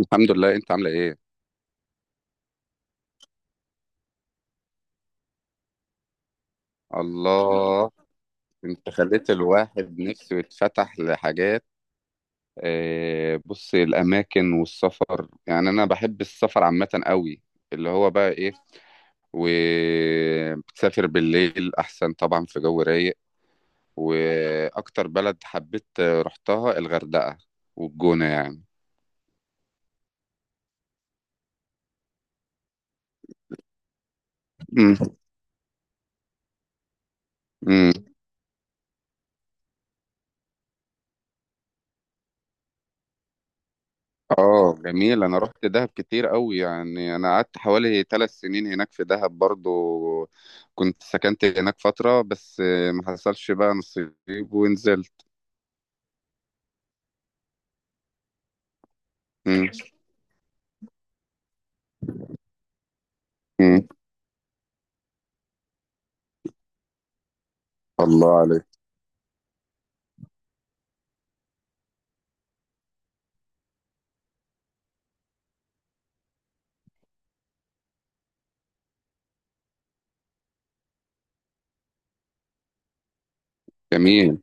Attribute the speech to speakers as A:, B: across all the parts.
A: الحمد لله، انت عامله ايه؟ الله. انت خليت الواحد نفسه يتفتح لحاجات. آه، بص، الاماكن والسفر يعني انا بحب السفر عامه قوي. اللي هو بقى ايه. وبتسافر بالليل احسن طبعا، في جو رايق. واكتر بلد حبيت رحتها الغردقه والجونه يعني. امم. اه جميل، انا رحت دهب كتير قوي، يعني انا قعدت حوالي 3 سنين هناك في دهب برضو. كنت سكنت هناك فترة بس آه، ما حصلش بقى نصيب ونزلت. مم. مم. الله عليك. جميل،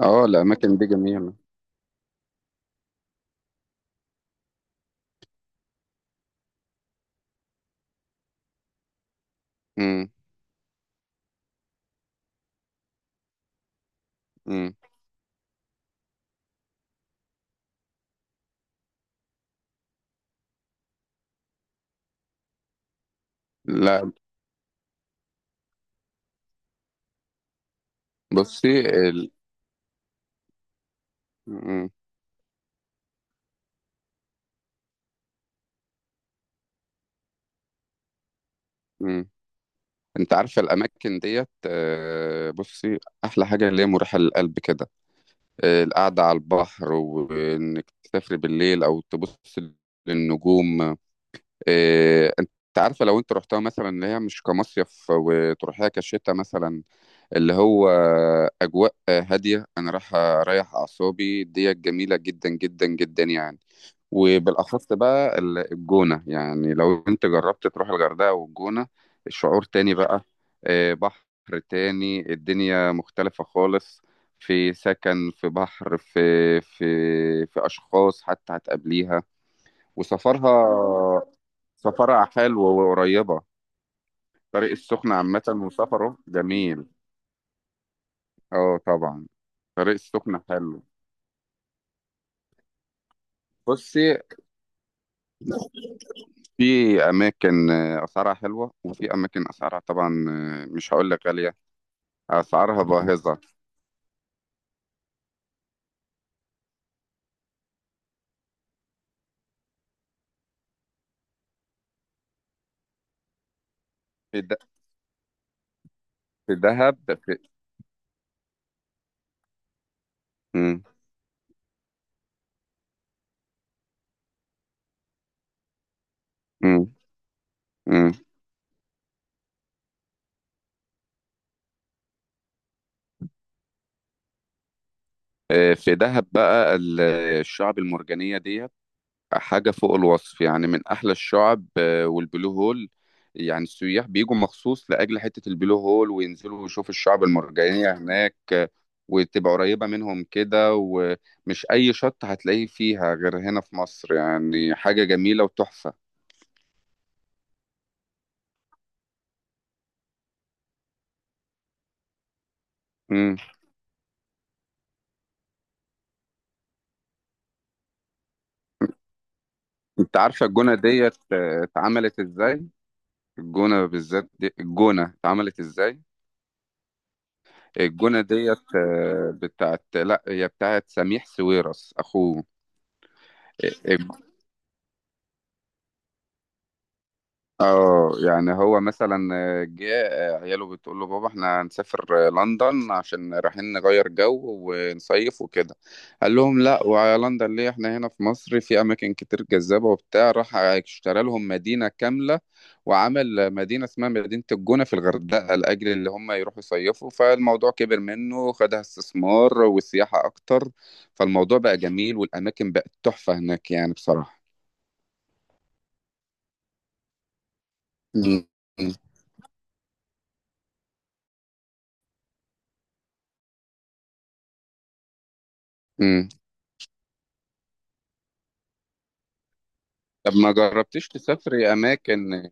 A: اه الاماكن دي جميلة. مم. مم. لا، بصي. مم. مم. انت عارفة الاماكن ديت آه، بصي، احلى حاجة اللي هي مريحة للقلب كده. آه، القعدة على البحر وانك تسافري بالليل او تبص للنجوم. إيه، انت عارفه لو انت رحتها مثلا اللي هي مش كمصيف وتروحيها كشتا مثلا، اللي هو اجواء هاديه، انا رايح اريح اعصابي، دي جميله جدا جدا جدا يعني. وبالاخص بقى الجونه يعني، لو انت جربت تروح الغردقه والجونه، الشعور تاني بقى. إيه، بحر تاني، الدنيا مختلفه خالص. في سكن، في بحر، في في اشخاص حتى هتقابليها وسفرها. سفرها حلو وقريبة. طريق السخنة عامة وسفره جميل. اه طبعا. طريق السخنة حلو. بصي، في أماكن آه، أسعارها حلوة، وفي أماكن أسعارها طبعا آه، مش هقول لك غالية، أسعارها باهظة. في د... في دهب في. مم. مم. مم. آه، في دهب بقى الشعب المرجانية ديت حاجة فوق الوصف، يعني من أحلى الشعب آه، والبلو هول. يعني السياح بيجوا مخصوص لأجل حتة البلو هول، وينزلوا يشوفوا الشعب المرجانية هناك آه، وتبقى قريبة منهم كده، ومش أي شط هتلاقيه فيها غير هنا في مصر، يعني حاجة جميلة وتحفة. مم. أنت عارفة الجونة ديت آه، اتعملت إزاي؟ الجونة بالذات، دي الجونة اتعملت إزاي؟ الجونة ديت آه، بتاعت، لا هي بتاعت سميح سويرس أخوه. اه، يعني هو مثلا آه، جه آه، عياله بتقول له بابا احنا هنسافر آه، لندن عشان رايحين نغير جو ونصيف وكده. قال لهم لا، وعلى لندن ليه، احنا هنا في مصر في اماكن كتير جذابة وبتاع، راح اشترى لهم مدينة كاملة، وعمل مدينة اسمها مدينة الجونة في الغردقة لأجل اللي هم يروحوا يصيفوا، فالموضوع كبر منه، خدها استثمار والسياحة اكتر. فالموضوع بقى جميل والاماكن بقت تحفة هناك يعني بصراحة. مم. مم. طب ما جربتيش تسافري اماكن،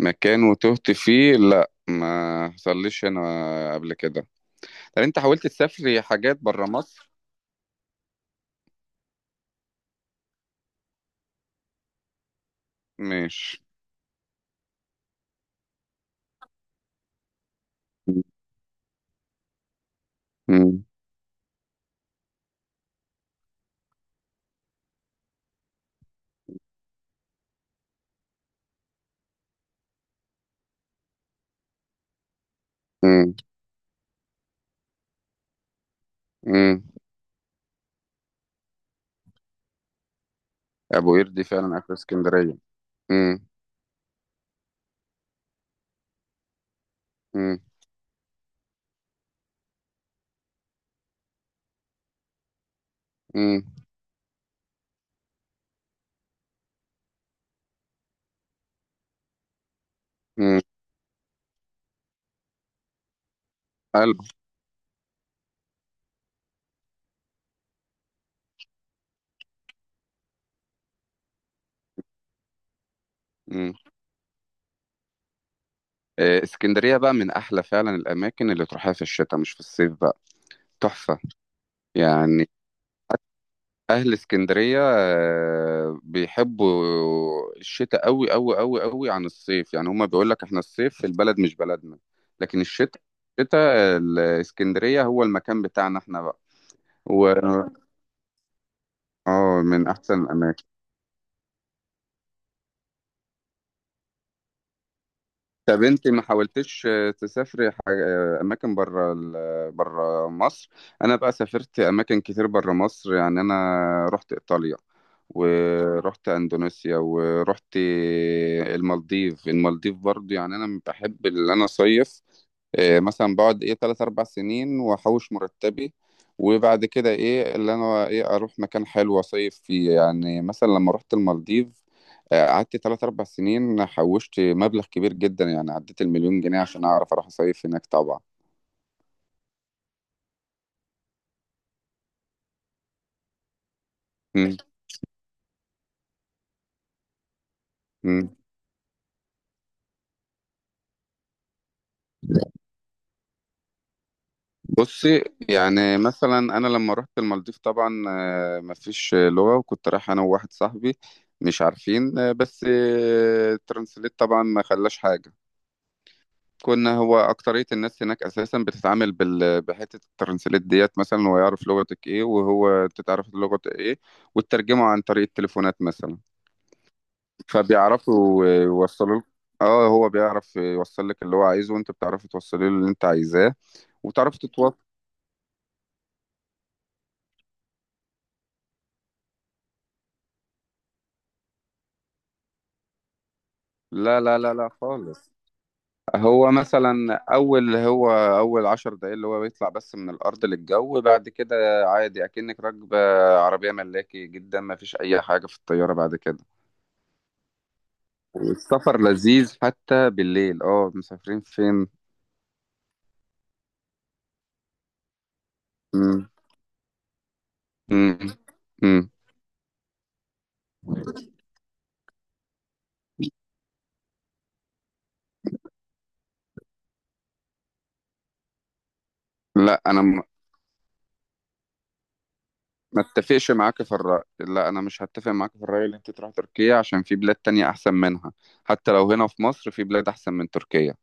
A: مكان وتهت فيه؟ لا ما حصليش انا قبل كده. طب انت حاولت تسافري حاجات بره مصر؟ مش. مم. مم. مم. ابو قير دي فعلا اخر اسكندريه. مم. مم. مم. مم. حلو. مم. آه، اسكندريه بقى من احلى فعلا الاماكن اللي تروحها في الشتاء، مش في الصيف بقى، تحفه. يعني اهل اسكندريه آه، بيحبوا الشتاء قوي قوي قوي قوي عن الصيف، يعني هما بيقول لك احنا الصيف في البلد مش بلدنا، لكن الشتاء الاسكندريه هو المكان بتاعنا احنا بقى. و، اه، من احسن الاماكن. طب انت ما حاولتش آه، تسافري اماكن بره مصر؟ انا بقى سافرت اماكن كتير بره مصر، يعني انا رحت ايطاليا، ورحت اندونيسيا، ورحت المالديف. المالديف برضو، يعني انا بحب اللي انا صيف. إيه، مثلا بقعد ايه تلات اربع سنين واحوش مرتبي، وبعد كده ايه اللي انا، ايه، اروح مكان حلو اصيف فيه، يعني مثلا لما رحت المالديف آه، قعدت تلات اربع سنين، حوشت مبلغ كبير جدا، يعني عديت المليون جنيه عشان اعرف اروح اصيف هناك طبعا. مم. مم. بصي، يعني مثلا انا لما رحت المالديف طبعا آه، مفيش لغة، وكنت رايح انا وواحد صاحبي، مش عارفين آه، بس آه، ترانسليت طبعا ما خلاش حاجة. كنا، هو أكترية الناس هناك أساسا بتتعامل بحتة الترانسليت ديت، مثلا هو يعرف لغتك إيه، وهو أنت تعرف لغة إيه، وتترجمه عن طريق التليفونات مثلا، فبيعرفوا يوصلوا لك. اه، هو بيعرف يوصل لك اللي هو عايزه، وأنت بتعرفي توصلي له اللي أنت عايزاه وتعرفي تتواصل. لا لا لا لا خالص. هو مثلا أول، هو أول 10 دقايق اللي هو بيطلع بس من الأرض للجو، بعد كده عادي أكنك راكبة عربية ملاكي، جدا ما فيش أي حاجة في الطيارة بعد كده. والسفر لذيذ حتى بالليل. اه، مسافرين فين؟ مم. مم. مم. لا انا م- ما اتفقش معاك في الرأي، لا انا مش هتفق معاك في الرأي اللي انت تروح تركيا، عشان في بلاد تانية احسن منها، حتى لو هنا في مصر في بلاد احسن من تركيا.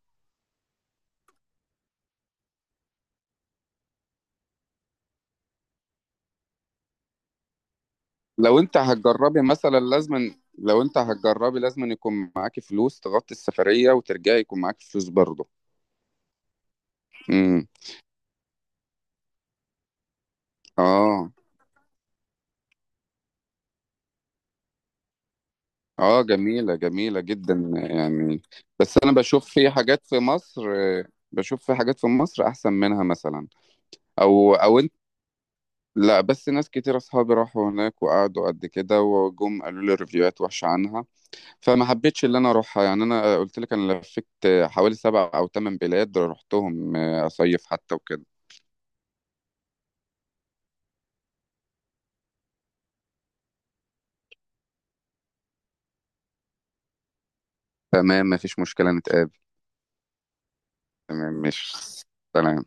A: لو انت هتجربي لازم يكون معاكي فلوس تغطي السفرية، وترجعي يكون معاكي فلوس برضه. امم. اه. اه جميلة، جميلة جدا يعني. بس انا بشوف في حاجات في مصر بشوف في حاجات في مصر احسن منها مثلا. او انت، لا، بس ناس كتير اصحابي راحوا هناك وقعدوا قد كده وجم قالوا لي ريفيوهات وحشة عنها، فما حبيتش اللي انا اروحها. يعني انا قلت لك، انا لفيت حوالي 7 او 8 بلاد رحتهم اصيف حتى وكده. تمام مفيش مشكلة نتقابل. تمام مش. سلام.